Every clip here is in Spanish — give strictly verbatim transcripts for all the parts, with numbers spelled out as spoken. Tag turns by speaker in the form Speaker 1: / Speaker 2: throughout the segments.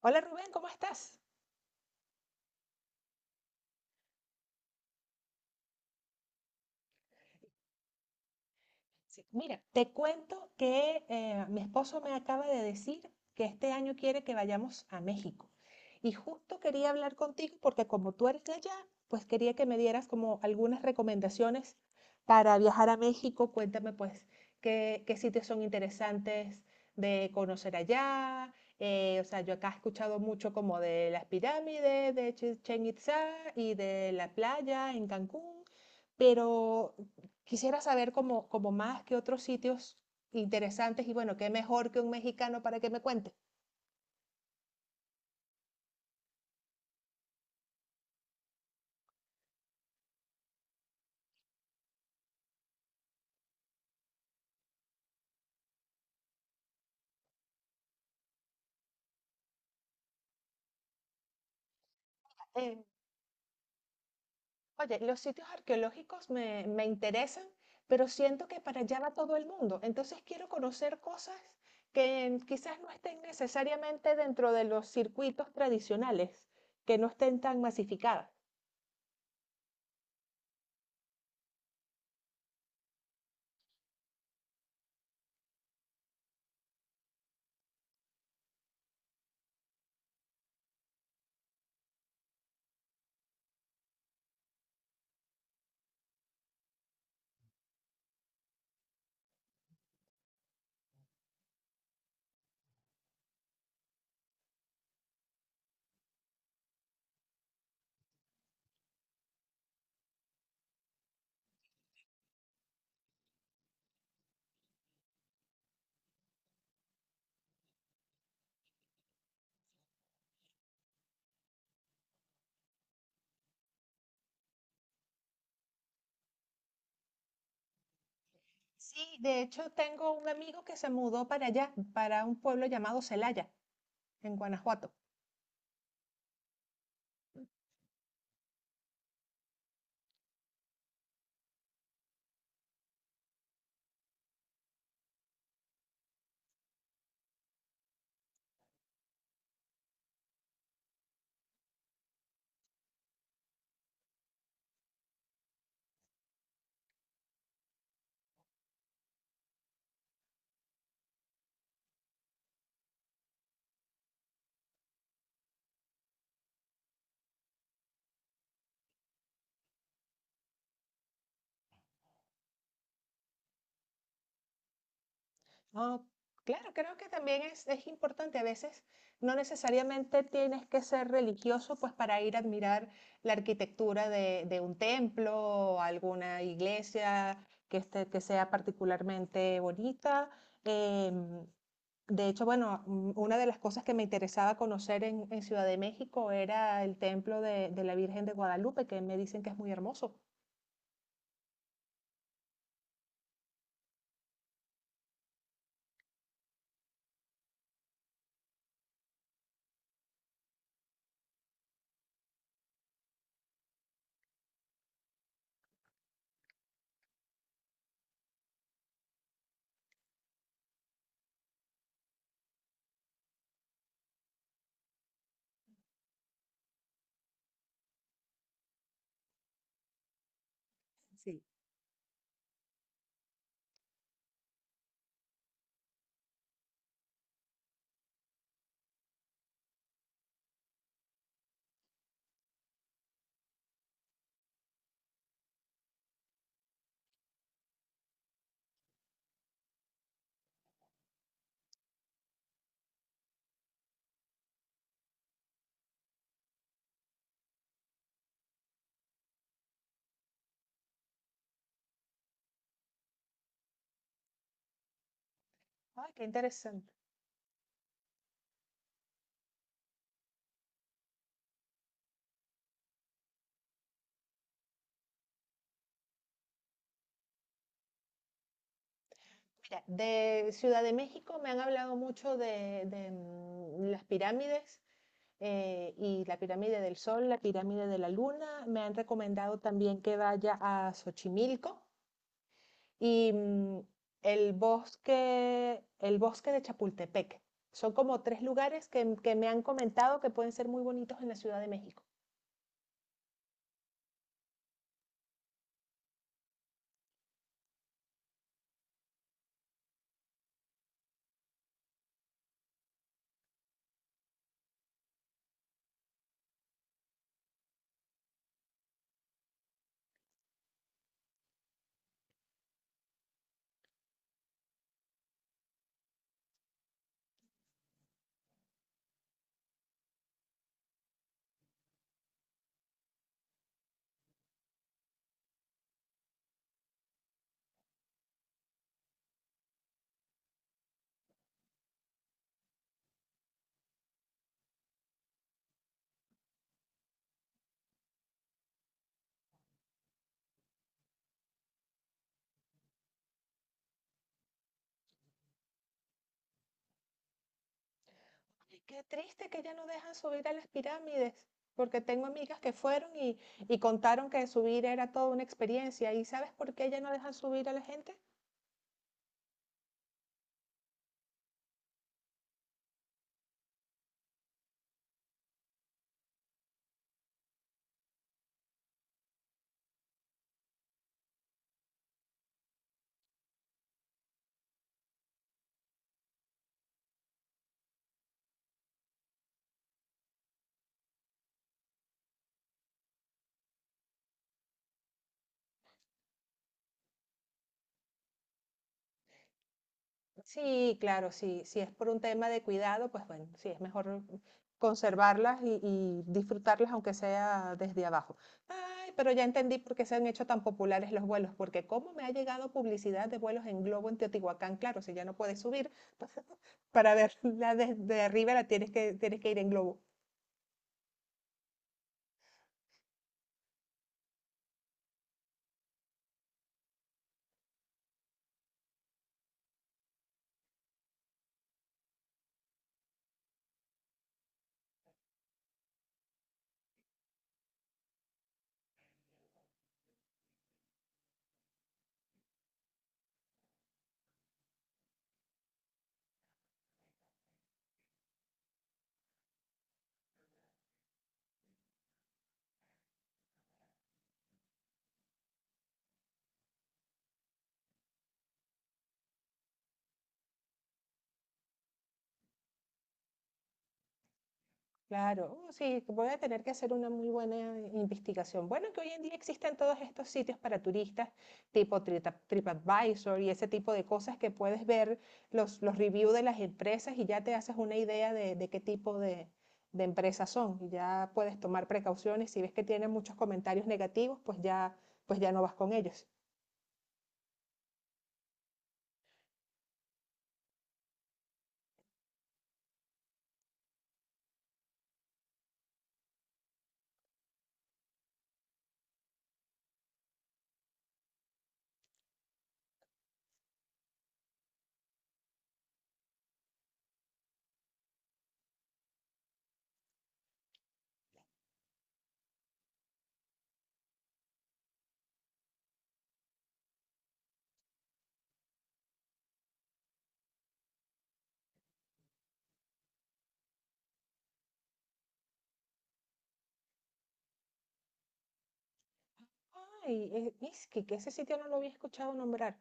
Speaker 1: Hola Rubén, ¿cómo estás? Sí, mira, te cuento que eh, mi esposo me acaba de decir que este año quiere que vayamos a México. Y justo quería hablar contigo porque como tú eres de allá, pues quería que me dieras como algunas recomendaciones para viajar a México. Cuéntame pues qué, qué sitios son interesantes de conocer allá. Eh, o sea, yo acá he escuchado mucho como de las pirámides, de Chichén Itzá y de la playa en Cancún. Pero quisiera saber como, como más que otros sitios interesantes y bueno, qué mejor que un mexicano para que me cuente. Eh, oye, los sitios arqueológicos me, me interesan, pero siento que para allá va todo el mundo. Entonces quiero conocer cosas que quizás no estén necesariamente dentro de los circuitos tradicionales, que no estén tan masificadas. Sí, de hecho tengo un amigo que se mudó para allá, para un pueblo llamado Celaya, en Guanajuato. Ah, claro, creo que también es, es importante. A veces no necesariamente tienes que ser religioso pues para ir a admirar la arquitectura de, de un templo o alguna iglesia que, esté, que sea particularmente bonita. Em, de hecho, bueno, mm, una de las cosas que me interesaba conocer en, en Ciudad de México era el templo de, de la Virgen de Guadalupe, que me dicen que es muy hermoso. Ay, qué interesante. Mira, de Ciudad de México me han hablado mucho de, de, mm, las pirámides eh, y la pirámide del Sol, la pirámide de la Luna. Me han recomendado también que vaya a Xochimilco y mm, el bosque, el bosque de Chapultepec. Son como tres lugares que, que me han comentado que pueden ser muy bonitos en la Ciudad de México. Qué triste que ya no dejan subir a las pirámides, porque tengo amigas que fueron y, y contaron que subir era toda una experiencia. ¿Y sabes por qué ya no dejan subir a la gente? Sí, claro, sí, si es por un tema de cuidado, pues bueno, sí, es mejor conservarlas y, y disfrutarlas aunque sea desde abajo. Ay, pero ya entendí por qué se han hecho tan populares los vuelos, porque cómo me ha llegado publicidad de vuelos en globo en Teotihuacán, claro, si ya no puedes subir, pues, para verla desde arriba la tienes que, tienes que ir en globo. Claro, oh, sí, voy a tener que hacer una muy buena investigación. Bueno, que hoy en día existen todos estos sitios para turistas, tipo Trita- TripAdvisor y ese tipo de cosas que puedes ver los, los reviews de las empresas y ya te haces una idea de, de qué tipo de, de empresas son. Y ya puedes tomar precauciones. Si ves que tienen muchos comentarios negativos, pues ya, pues ya no vas con ellos. Ay, eh, es que que ese sitio no lo había escuchado nombrar.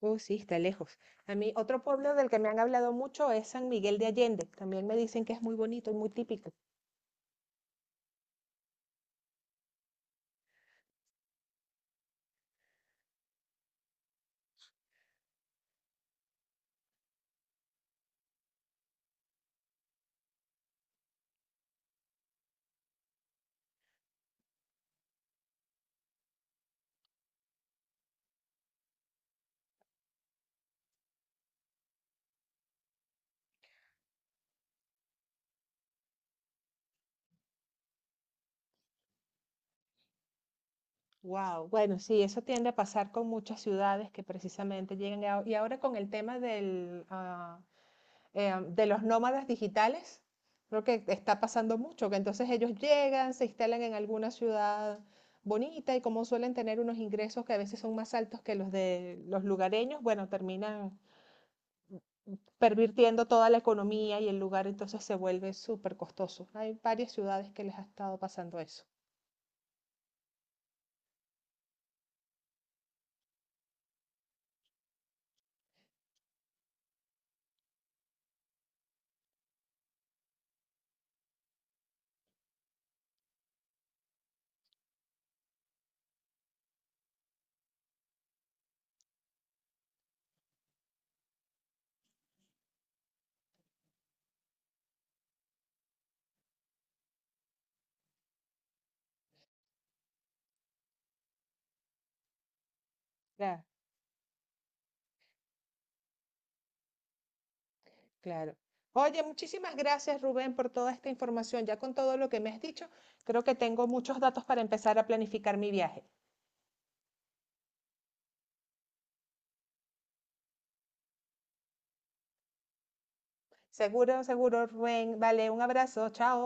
Speaker 1: Oh, sí, está lejos. A mí, otro pueblo del que me han hablado mucho es San Miguel de Allende. También me dicen que es muy bonito y muy típico. Wow. Bueno, sí, eso tiende a pasar con muchas ciudades que precisamente llegan. a- y ahora con el tema del, ah, eh, de los nómadas digitales, creo que está pasando mucho, que entonces ellos llegan, se instalan en alguna ciudad bonita y como suelen tener unos ingresos que a veces son más altos que los de los lugareños, bueno, terminan pervirtiendo toda la economía y el lugar entonces se vuelve súper costoso. Hay varias ciudades que les ha estado pasando eso. Claro, claro. Oye, muchísimas gracias Rubén por toda esta información. Ya con todo lo que me has dicho, creo que tengo muchos datos para empezar a planificar mi viaje. Seguro, seguro, Rubén. Vale, un abrazo. Chao.